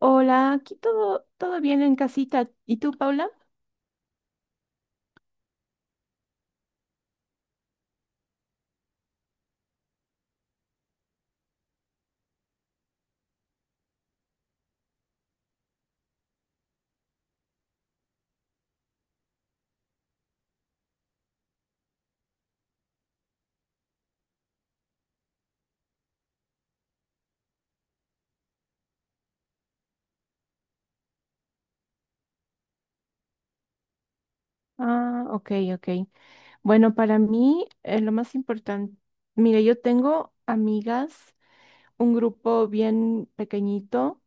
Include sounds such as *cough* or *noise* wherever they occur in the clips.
Hola, aquí todo bien en casita. ¿Y tú, Paula? Ah, ok, ok. Bueno, para mí lo más importante, mire, yo tengo amigas, un grupo bien pequeñito,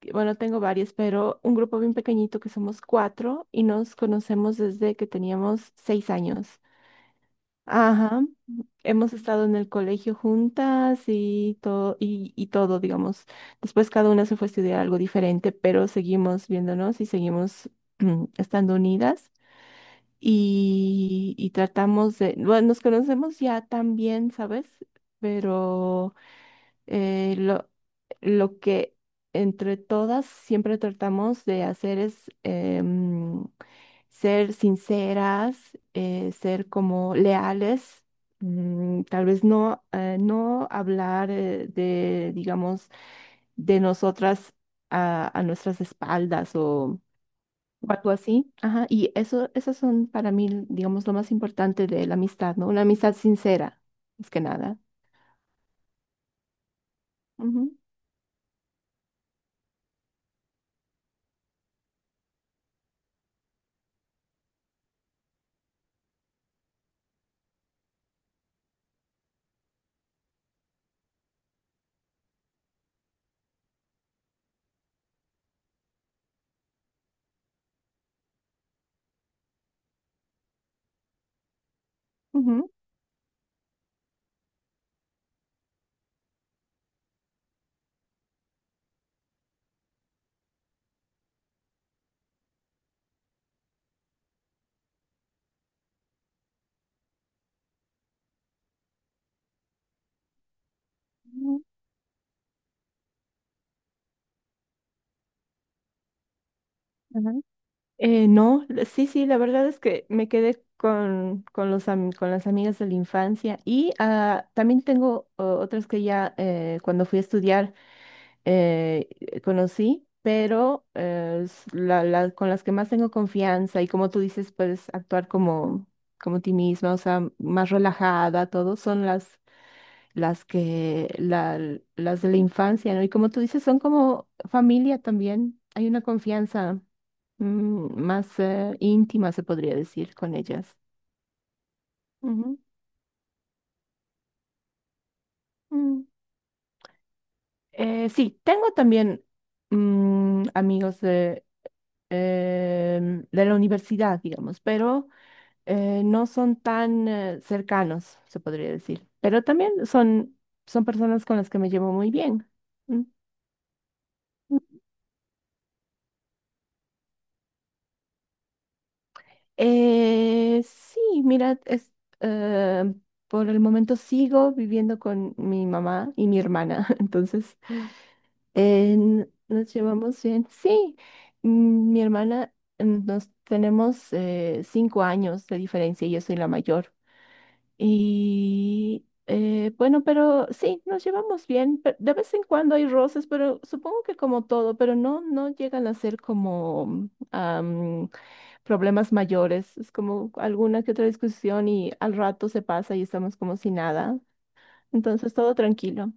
bueno, tengo varias, pero un grupo bien pequeñito que somos cuatro y nos conocemos desde que teníamos 6 años. Ajá, hemos estado en el colegio juntas y todo, y todo, digamos. Después cada una se fue a estudiar algo diferente, pero seguimos viéndonos y seguimos estando unidas y tratamos de, bueno, nos conocemos ya tan bien, ¿sabes? Pero eh, lo, lo que entre todas siempre tratamos de hacer es ser sinceras, ser como leales, mm, tal vez no, no hablar de, digamos, de nosotras a nuestras espaldas o algo así. Ajá, y eso, esas son para mí, digamos, lo más importante de la amistad, ¿no? Una amistad sincera, más que nada. Ujú, ujú, ujú, ajá. No, sí, sí, la verdad es que me quedé con las amigas de la infancia y ah, también tengo otras que ya cuando fui a estudiar conocí, pero con las que más tengo confianza y como tú dices, puedes actuar como, como ti misma, o sea, más relajada, todo, son las que, la, las de la infancia, ¿no? Y como tú dices, son como familia también. Hay una confianza más íntima, se podría decir, con ellas. Ujú. Mm. Sí, tengo también amigos de, de la universidad, digamos, pero no son tan cercanos, se podría decir. Pero también son personas con las que me llevo muy bien. Mm. Sí, mira, es, eh, por el momento sigo viviendo con mi mamá y mi hermana, *laughs* entonces nos llevamos bien. Sí, mm, mi hermana, nos tenemos 5 años de diferencia, y yo soy la mayor. Y bueno, pero sí, nos llevamos bien. De vez en cuando hay roces, pero supongo que como todo, pero no, no llegan a ser como problemas mayores, es como alguna que otra discusión y al rato se pasa y estamos como si nada. Entonces todo tranquilo.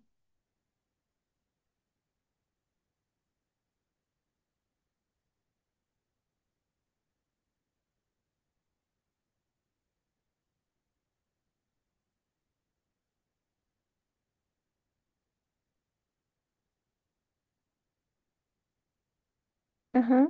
Ajá.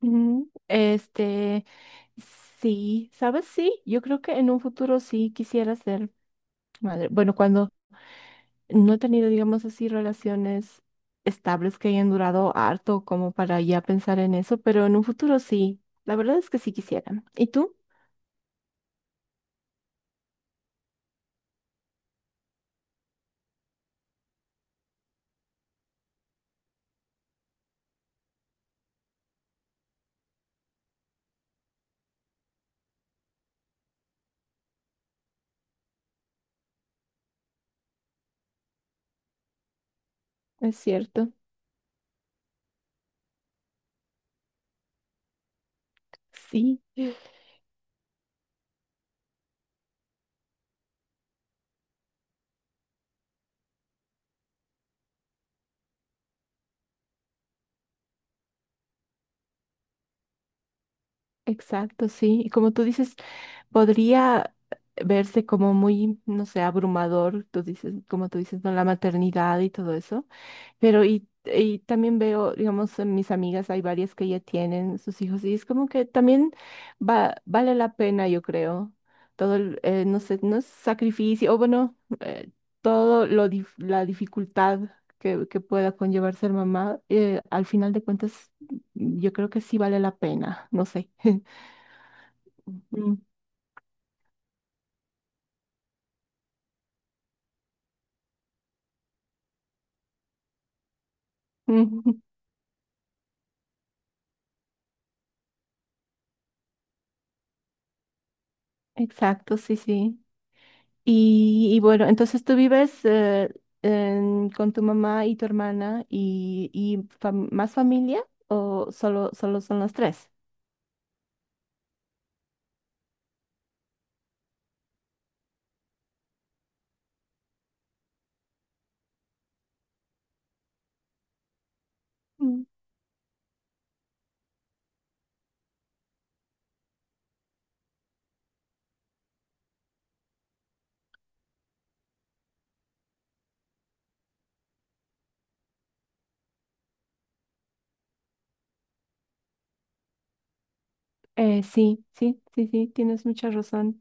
Ujú. Este, sí, ¿sabes? Sí, yo creo que en un futuro sí quisiera ser madre. Bueno, cuando no he tenido, digamos así, relaciones estables que hayan durado harto como para ya pensar en eso, pero en un futuro sí. La verdad es que sí quisiera. ¿Y tú? Es cierto. Sí, exacto, sí. Y como tú dices, podría verse como muy, no sé, abrumador, como tú dices, ¿no? La maternidad y todo eso, pero y también veo, digamos, en mis amigas, hay varias que ya tienen sus hijos y es como que también vale la pena, yo creo, todo el, no sé, no es sacrificio, o bueno, la dificultad que pueda conllevar ser mamá, al final de cuentas, yo creo que sí vale la pena, no sé. *laughs* Mm. *laughs* Exacto, sí, sí. Y bueno, entonces tú vives con tu mamá y tu hermana y más familia o solo son los tres? Mm. Sí, sí, sí, sí, tienes mucha razón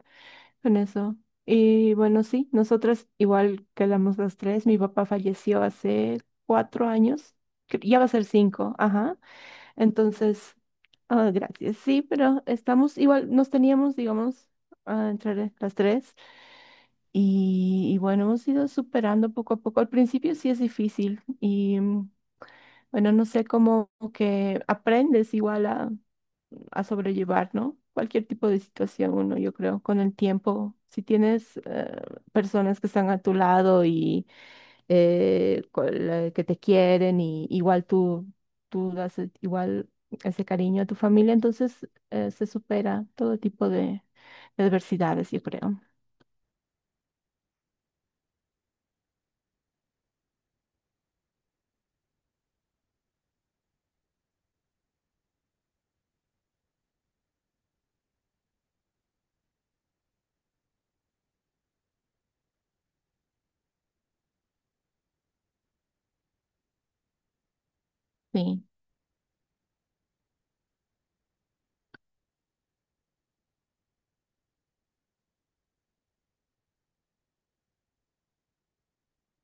con eso. Y bueno, sí, nosotras igual quedamos los tres. Mi papá falleció hace 4 años, ya va a ser cinco, ajá. Entonces, ah, gracias. Sí, pero estamos igual, nos teníamos, digamos, ah, entre las tres. Y bueno, hemos ido superando poco a poco. Al principio sí es difícil y bueno, no sé cómo que aprendes igual a sobrellevar, ¿no? Cualquier tipo de situación, uno, yo creo, con el tiempo. Si tienes personas que están a tu lado y con la que te quieren y igual tú, igual ese cariño a tu familia, entonces se supera todo tipo de adversidades, yo creo. Sí.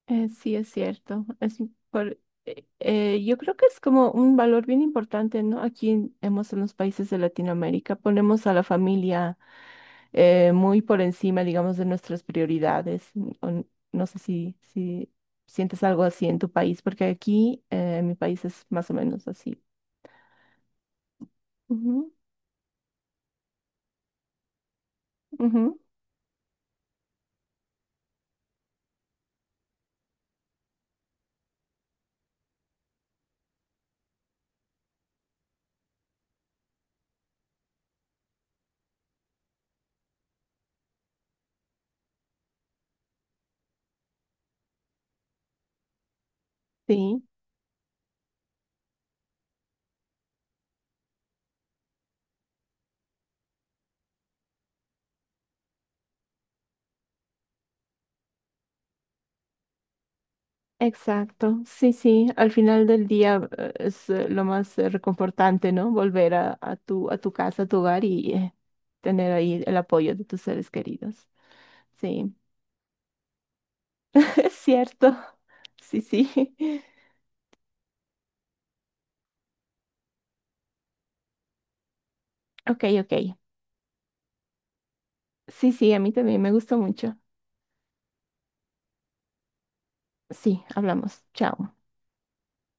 Sí, es cierto. Yo creo que es como un valor bien importante, ¿no? Hemos en los países de Latinoamérica, ponemos a la familia muy por encima, digamos, de nuestras prioridades. No sé si sientes algo así en tu país, porque aquí en mi país es más o menos así. Ujú, ujú, sí. Exacto, sí, sí, al final del día es lo más reconfortante, ¿no? Volver a tu casa, a tu hogar y tener ahí el apoyo de tus seres queridos. Sí, *laughs* es cierto, sí, sí. *laughs* Ok, ok. Sí, sí, a mí también me gustó mucho. Sí, hablamos. Chao.